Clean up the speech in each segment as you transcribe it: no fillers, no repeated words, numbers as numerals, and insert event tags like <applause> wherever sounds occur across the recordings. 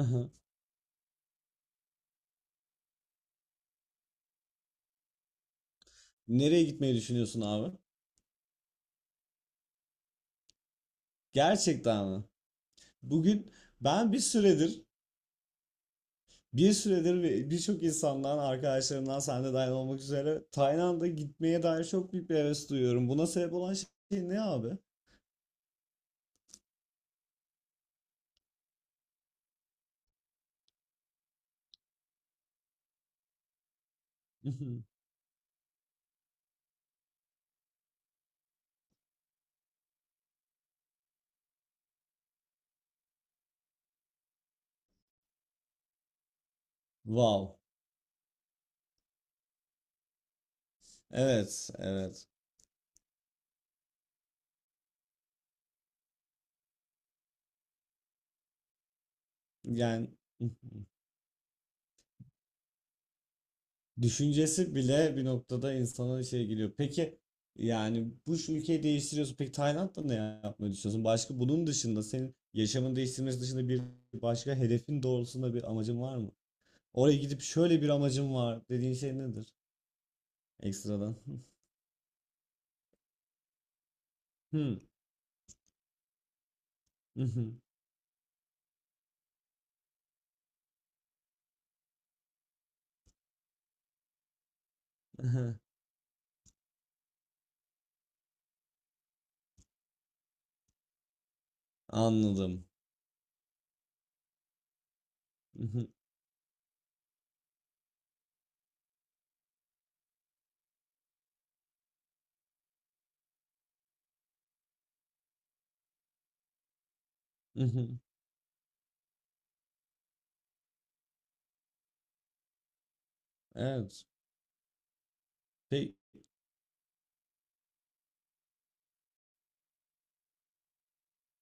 Aha. Nereye gitmeyi düşünüyorsun abi? Gerçekten mi? Bugün ben bir süredir ve birçok insandan, arkadaşlarımdan sen de dahil olmak üzere Tayland'a gitmeye dair çok büyük bir heves duyuyorum. Buna sebep olan şey ne abi? <laughs> Wow. Evet, evet. Yani <laughs> düşüncesi bile bir noktada insana şey geliyor. Peki yani bu şu ülkeyi değiştiriyorsun. Peki Tayland'da ne yapmayı düşünüyorsun? Başka bunun dışında senin yaşamını değiştirmesi dışında bir başka hedefin doğrultusunda bir amacın var mı? Oraya gidip şöyle bir amacım var dediğin şey nedir? Ekstradan. <laughs> Hmm. <laughs> Anladım. <laughs> Evet.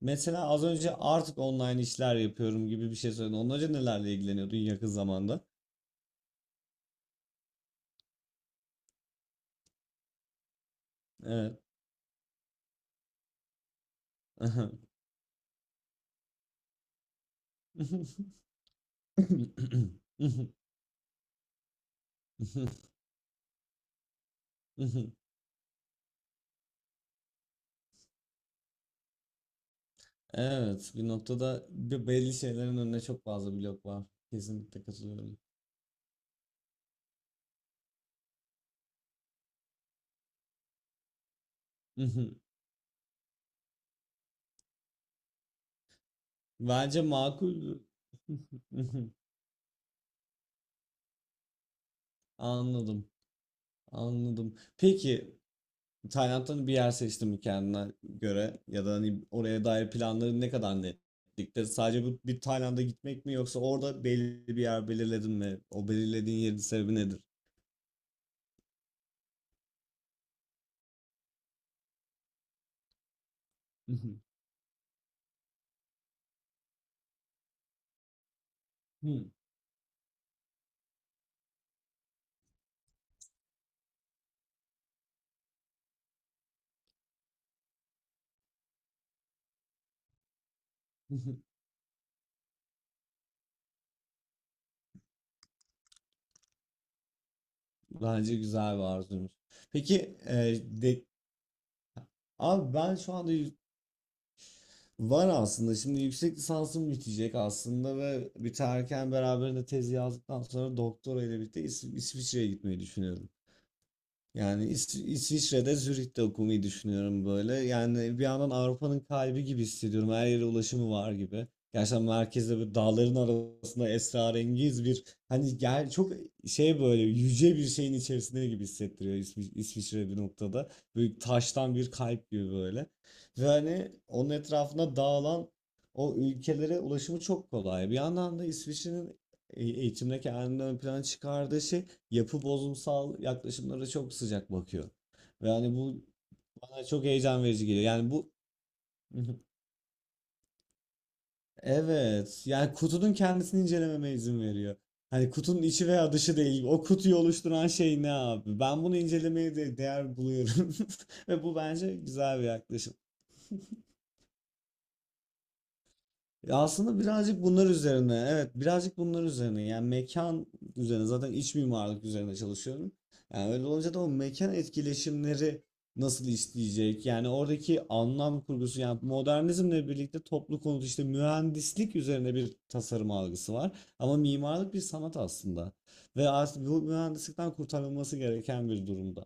Mesela az önce artık online işler yapıyorum gibi bir şey söyledin. Ondan önce nelerle ilgileniyordun yakın zamanda? Evet. <laughs> Evet, bir noktada bir belli şeylerin önüne çok fazla blok var. Kesinlikle katılıyorum. <laughs> Bence makul. <laughs> Anladım, anladım. Peki. Tayland'dan bir yer seçtim kendine göre ya da hani oraya dair planların ne kadar netlikte? Sadece bu bir Tayland'a gitmek mi yoksa orada belli bir yer belirledin mi? O belirlediğin yerin sebebi nedir? <laughs> Hmm. <laughs> Bence güzel bir arzuymuş. Peki e, de, abi ben şu anda var aslında. Şimdi yüksek lisansım bitecek aslında ve biterken beraberinde tezi yazdıktan sonra doktora ile birlikte İsviçre'ye gitmeyi düşünüyorum. Yani İsviçre'de Zürih'te okumayı düşünüyorum böyle. Yani bir yandan Avrupa'nın kalbi gibi hissediyorum. Her yere ulaşımı var gibi. Gerçekten merkezde böyle dağların arasında esrarengiz bir hani gel çok şey böyle yüce bir şeyin içerisinde gibi hissettiriyor İsviçre bir noktada. Böyle taştan bir kalp gibi böyle. Ve hani onun etrafına dağılan o ülkelere ulaşımı çok kolay. Bir yandan da İsviçre'nin eğitimde kendini ön plana çıkardığı şey yapı bozumsal yaklaşımlara çok sıcak bakıyor. Ve hani bu bana çok heyecan verici geliyor. Yani bu <laughs> evet, yani kutunun kendisini incelememe izin veriyor. Hani kutunun içi veya dışı değil. O kutuyu oluşturan şey ne abi? Ben bunu incelemeye de değer buluyorum. <laughs> Ve bu bence güzel bir yaklaşım. Ya aslında birazcık bunlar üzerine, evet birazcık bunlar üzerine, yani mekan üzerine zaten iç mimarlık üzerine çalışıyorum. Yani öyle olunca da o mekan etkileşimleri nasıl işleyecek? Yani oradaki anlam kurgusu, yani modernizmle birlikte toplu konut işte mühendislik üzerine bir tasarım algısı var. Ama mimarlık bir sanat aslında. Ve artık bu mühendislikten kurtarılması gereken bir durumda.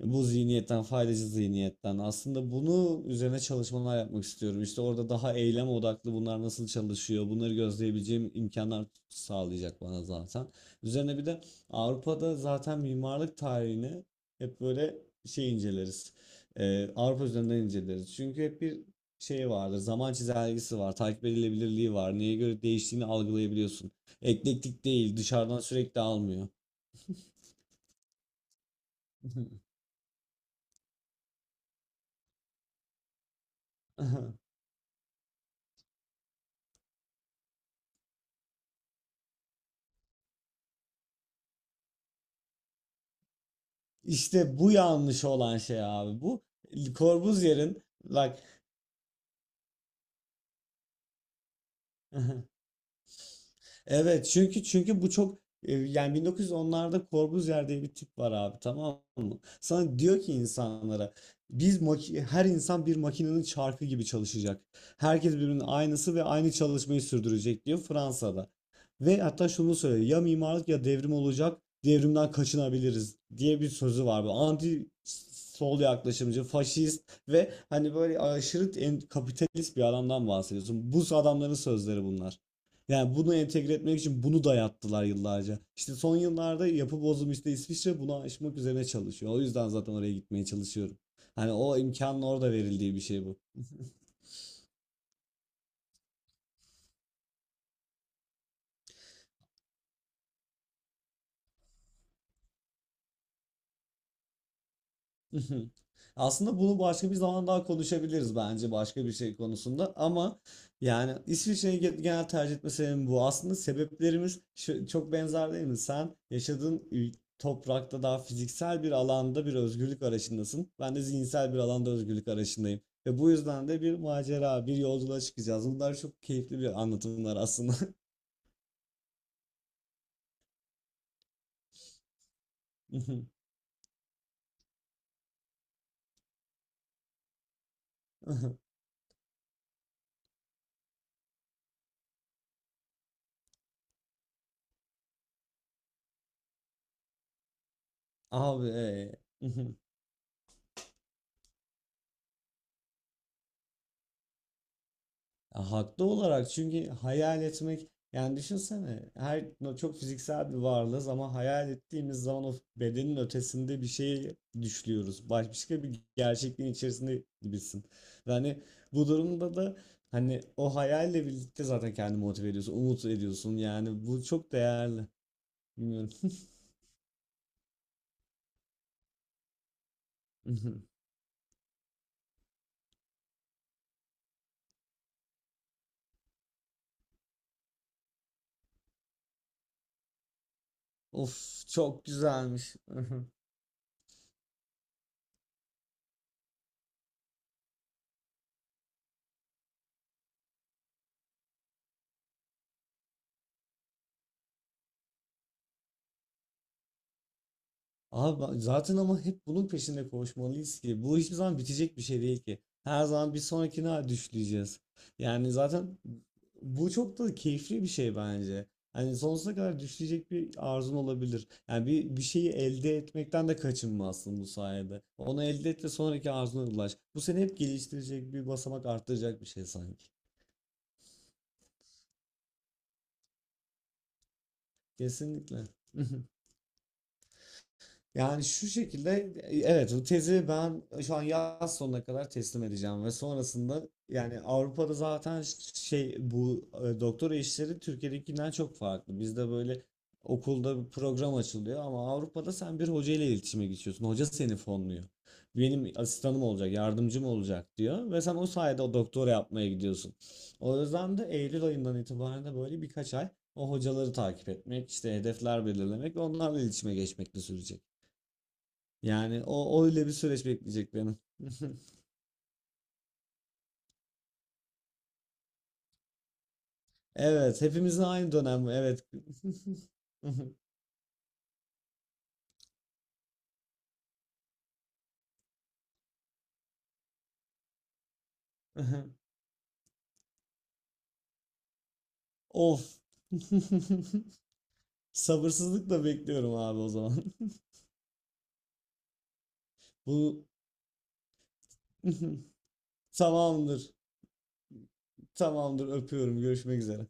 Bu zihniyetten, faydacı zihniyetten. Aslında bunu üzerine çalışmalar yapmak istiyorum. İşte orada daha eylem odaklı bunlar nasıl çalışıyor, bunları gözleyebileceğim imkanlar sağlayacak bana zaten. Üzerine bir de Avrupa'da zaten mimarlık tarihini hep böyle şey inceleriz. Avrupa üzerinden inceleriz. Çünkü hep bir şey vardır, zaman çizelgesi var, takip edilebilirliği var. Neye göre değiştiğini algılayabiliyorsun. Eklektik değil, dışarıdan sürekli almıyor. <laughs> İşte bu yanlış olan şey abi. Bu Corbusier'in bak <laughs> Evet, çünkü bu çok yani 1910'larda Corbusier diye bir tip var abi, tamam mı? Sana diyor ki insanlara biz her insan bir makinenin çarkı gibi çalışacak. Herkes birbirinin aynısı ve aynı çalışmayı sürdürecek diyor Fransa'da. Ve hatta şunu söylüyor: ya mimarlık ya devrim olacak, devrimden kaçınabiliriz diye bir sözü var. Bu anti sol yaklaşımcı, faşist ve hani böyle aşırı kapitalist bir adamdan bahsediyorsun. Bu adamların sözleri bunlar. Yani bunu entegre etmek için bunu dayattılar yıllarca. İşte son yıllarda yapı bozum, işte İsviçre bunu aşmak üzerine çalışıyor. O yüzden zaten oraya gitmeye çalışıyorum. Hani o imkanın orada verildiği bir şey bu. Hı hı. Aslında bunu başka bir zaman daha konuşabiliriz bence, başka bir şey konusunda, ama yani İsviçre'yi genel tercih etme sebebim bu. Aslında sebeplerimiz çok benzer, değil mi? Sen yaşadığın toprakta daha fiziksel bir alanda bir özgürlük arayışındasın. Ben de zihinsel bir alanda özgürlük arayışındayım. Ve bu yüzden de bir macera, bir yolculuğa çıkacağız. Bunlar çok keyifli bir anlatımlar aslında. <laughs> Abi. e, <laughs> Ya haklı olarak, çünkü hayal etmek, yani düşünsene, her çok fiziksel bir varlığız ama hayal ettiğimiz zaman o bedenin ötesinde bir şey düşlüyoruz. Başka bir gerçekliğin içerisinde gibisin. Ve hani bu durumda da hani o hayalle birlikte zaten kendini motive ediyorsun, umut ediyorsun. Yani bu çok değerli. Bilmiyorum. <laughs> Of, çok güzelmiş. <laughs> Abi zaten ama hep bunun peşinde koşmalıyız ki, bu hiçbir zaman bitecek bir şey değil ki. Her zaman bir sonrakine düşleyeceğiz. Yani zaten bu çok da keyifli bir şey bence. Hani sonsuza kadar düşleyecek bir arzun olabilir. Yani bir şeyi elde etmekten de kaçınmazsın bu sayede. Onu elde et ve sonraki arzuna ulaş. Bu seni hep geliştirecek, bir basamak arttıracak bir şey sanki. Kesinlikle. <laughs> Yani şu şekilde evet, bu tezi ben şu an yaz sonuna kadar teslim edeceğim ve sonrasında yani Avrupa'da zaten şey, bu doktora işleri Türkiye'dekinden çok farklı. Bizde böyle okulda bir program açılıyor ama Avrupa'da sen bir hoca ile iletişime geçiyorsun. Hoca seni fonluyor. Benim asistanım olacak, yardımcım olacak diyor ve sen o sayede o doktora yapmaya gidiyorsun. O yüzden de Eylül ayından itibaren de böyle birkaç ay o hocaları takip etmek, işte hedefler belirlemek ve onlarla iletişime geçmekle sürecek. Yani o, o öyle bir süreç bekleyecek beni. <laughs> Evet, hepimizin aynı dönem. Evet. <laughs> Of. <laughs> Sabırsızlıkla bekliyorum abi o zaman. <laughs> Bu <laughs> tamamdır. Tamamdır. Öpüyorum. Görüşmek üzere.